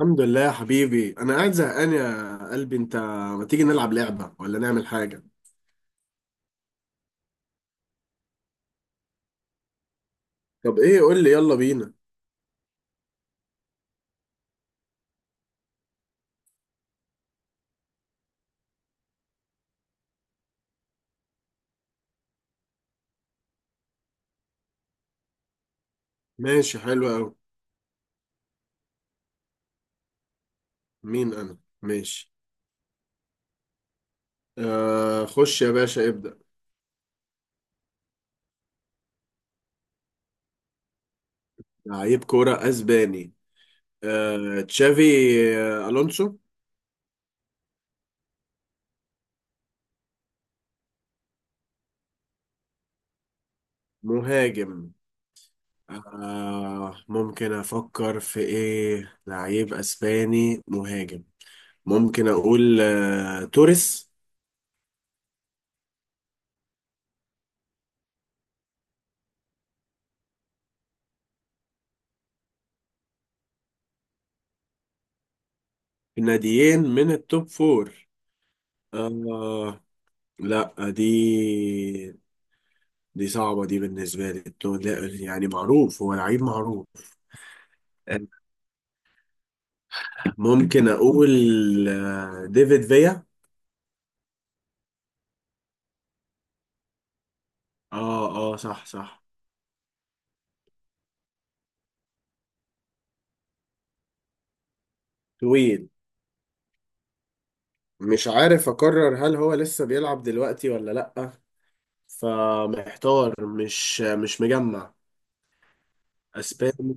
الحمد لله يا حبيبي، انا قاعد زهقان يا قلبي انت. ما تيجي نلعب لعبة ولا نعمل حاجة؟ طب ايه، قول لي يلا بينا. ماشي، حلو قوي. مين انا، ماشي. آه، خش يا باشا، ابدأ. لعيب كورة اسباني. آه تشافي. آه، الونسو. مهاجم. ممكن افكر في ايه، لعيب اسباني مهاجم. ممكن اقول توريس. في ناديين من التوب فور. آه لا. دي دي صعبة، دي بالنسبة لي لا، يعني معروف، هو لعيب معروف. ممكن أقول ديفيد فيا. اه اه، صح صح. طويل. مش عارف أقرر، هل هو لسه بيلعب دلوقتي ولا لأ، فمحتار مش مجمع. أسباني،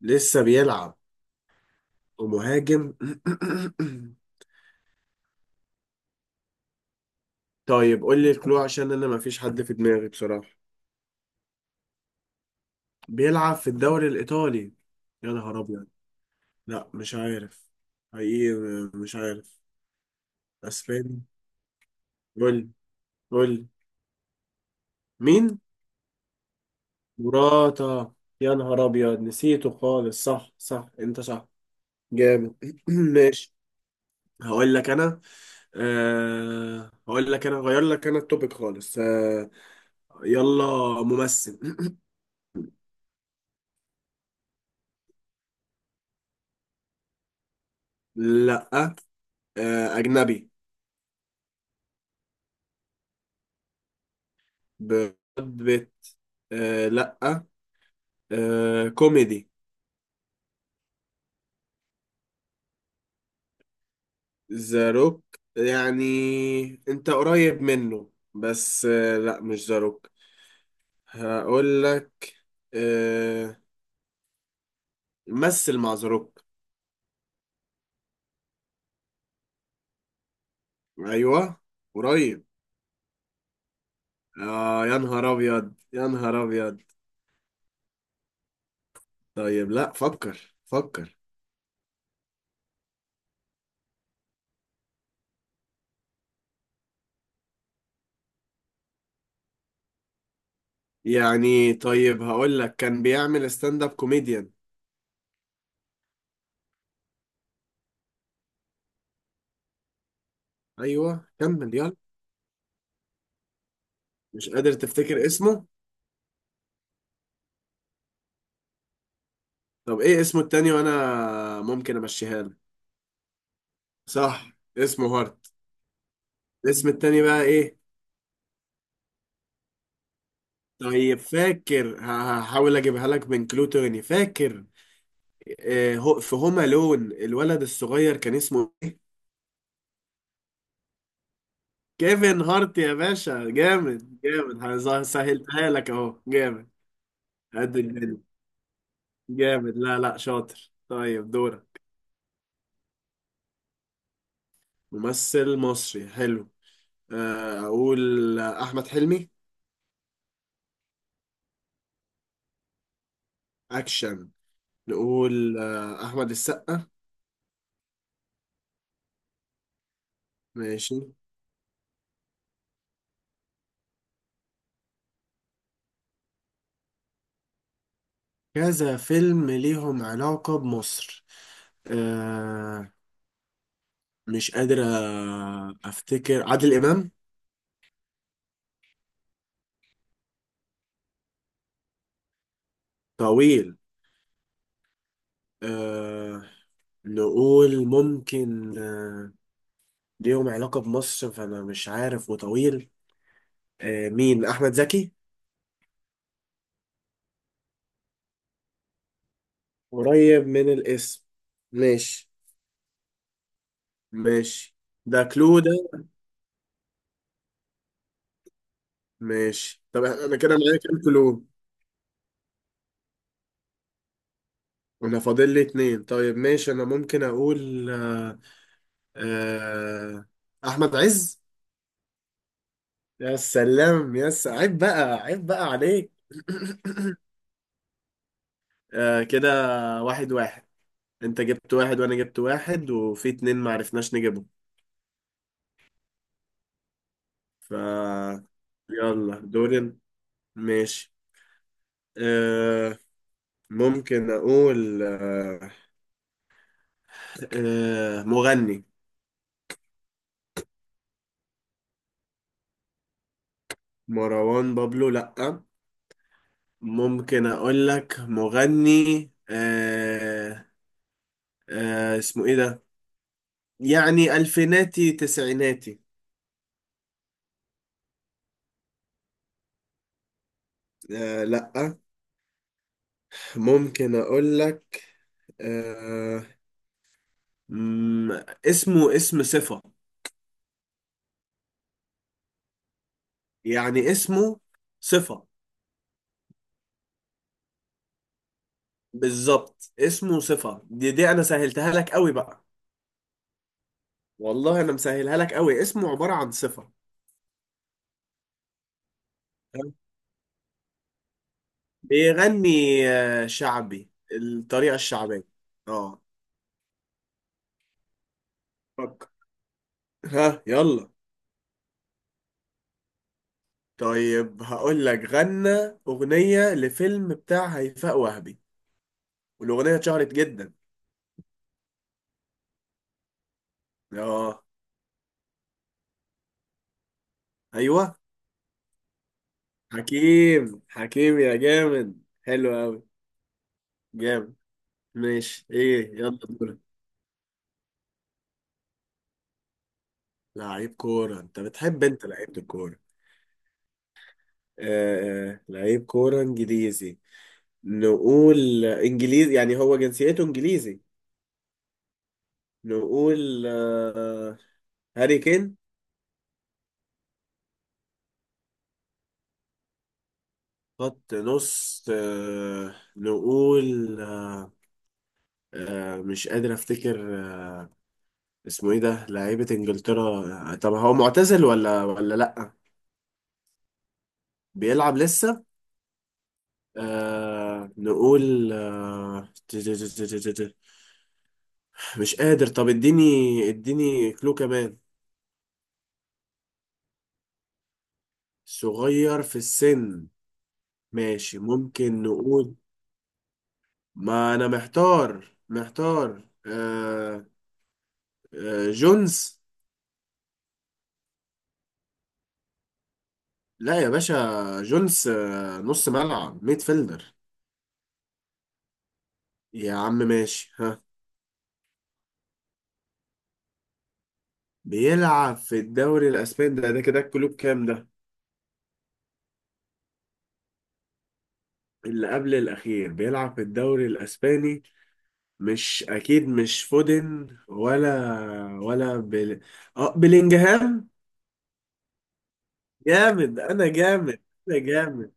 لسه بيلعب، ومهاجم. طيب قول لي الكلو، عشان أنا مفيش حد في دماغي بصراحة. بيلعب في الدوري الإيطالي. يا نهار أبيض، لا مش عارف، حقيقي مش عارف. اسباني. قول قول. مين؟ مراتا. يا نهار ابيض، نسيته خالص، صح صح انت صح. جامد. ماشي. هقول لك انا. هقول لك انا، غير لك انا التوبيك خالص يلا. ممثل. لا. اجنبي. ب- بت. لا. كوميدي. ذا روك. يعني انت قريب منه، بس لا، مش ذا روك. هقول لك آه، مثل مع ذا روك. ايوه قريب. اه، يا نهار ابيض يا نهار ابيض. طيب لا، فكر فكر. يعني طيب، هقول لك كان بيعمل ستاند اب كوميديان. ايوه كمل يلا. مش قادر تفتكر اسمه. طب ايه اسمه التاني، وانا ممكن امشيها لك. صح، اسمه هارت. الاسم التاني بقى ايه؟ طيب فاكر، هحاول اجيبها لك من كلو تاني، فاكر في هوم لون الولد الصغير كان اسمه. كيفن هارت يا باشا، جامد جامد، سهلتها لك اهو، جامد. قد الدنيا، جامد. لا لا، شاطر، طيب دورك. ممثل مصري، حلو. اقول احمد حلمي. اكشن. نقول احمد السقا. ماشي. كذا فيلم ليهم علاقة بمصر. آه، مش قادر افتكر، عادل امام. طويل. أه نقول ممكن ليهم علاقة بمصر، فانا مش عارف، وطويل. مين، احمد زكي. قريب من الاسم. ماشي ماشي. ده كلو ده. ماشي، طب انا كده معايا كام كلو؟ انا فاضل لي اتنين، طيب ماشي، انا ممكن اقول أه احمد عز. يا سلام، يا عيب بقى، عيب بقى عليك. كده، واحد واحد. انت جبت واحد، وانا جبت واحد، وفي اتنين معرفناش نجيبهم. ف، يلا دورين. ماشي آه ممكن اقول. مغني. مروان بابلو، لأ. ممكن اقول لك، مغني. اسمه ايه ده، يعني الفيناتي تسعيناتي. آه لأ. ممكن اقول لك آه مم، اسمه اسم صفة. يعني اسمه صفة. بالظبط، اسمه صفة، دي انا سهلتها لك قوي بقى. والله انا مسهلها لك قوي، اسمه عبارة عن صفة. تمام؟ بيغني شعبي، الطريقة الشعبية. اه. فكر، ها يلا. طيب هقول لك، غنى أغنية لفيلم بتاع هيفاء وهبي، والأغنية اتشهرت جدا. اه. ايوه حكيم، حكيم يا جامد، حلو قوي، جامد. ماشي ايه، يلا دورك. لعيب كورة، انت بتحب انت لعيبة الكورة. لعيب كورة انجليزي. نقول انجليزي، يعني هو جنسيته انجليزي. نقول: هاري كين. خط نص, نقول. مش قادر افتكر. اسمه ايه ده، لعيبة انجلترا. طب هو معتزل ولا لأ؟ بيلعب لسه. نقول. مش قادر، طب اديني اديني كلو كمان. صغير في السن. ماشي ممكن نقول، ما انا محتار محتار. جونز. لا يا باشا، جونز نص ملعب، ميد فيلدر. يا عم، ماشي ها. بيلعب في الدوري الاسباني، ده كده الكلوب كام ده؟ اللي قبل الاخير، بيلعب في الدوري الاسباني. مش اكيد، مش فودن، ولا اه بلينجهام. جامد، انا جامد. انا جامد.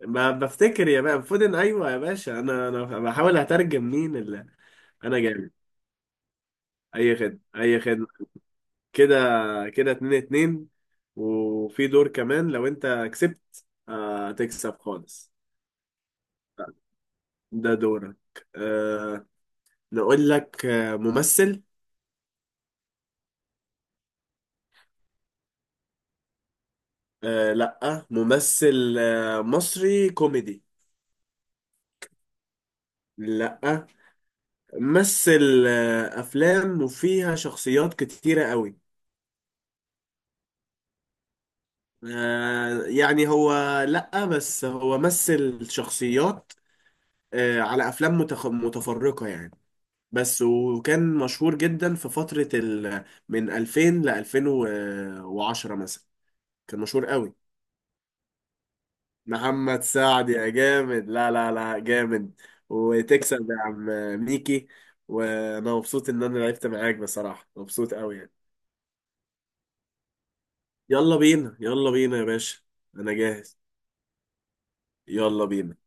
ما بفتكر يا باشا، فودن، ايوه يا باشا، انا بحاول اترجم مين اللي. انا جامد. اي خدمه اي خدمه. كده كده، اتنين اتنين. وفي دور كمان، لو انت كسبت تكسب خالص. ده دورك. آه نقول لك ممثل. لا، ممثل مصري كوميدي. لا. مثل افلام وفيها شخصيات كتيرة قوي. يعني هو، لأ، بس هو مثل شخصيات على أفلام متفرقة يعني. بس وكان مشهور جدا في فترة ال من 2000 ل 2010 مثلا، كان مشهور قوي. محمد سعد، يا جامد، لا لا لا، جامد. وتكسب يا عم. ميكي. وأنا مبسوط إن أنا لعبت معاك بصراحة، مبسوط قوي يعني. يلا بينا يلا بينا يا باشا. أنا جاهز. يلا بينا.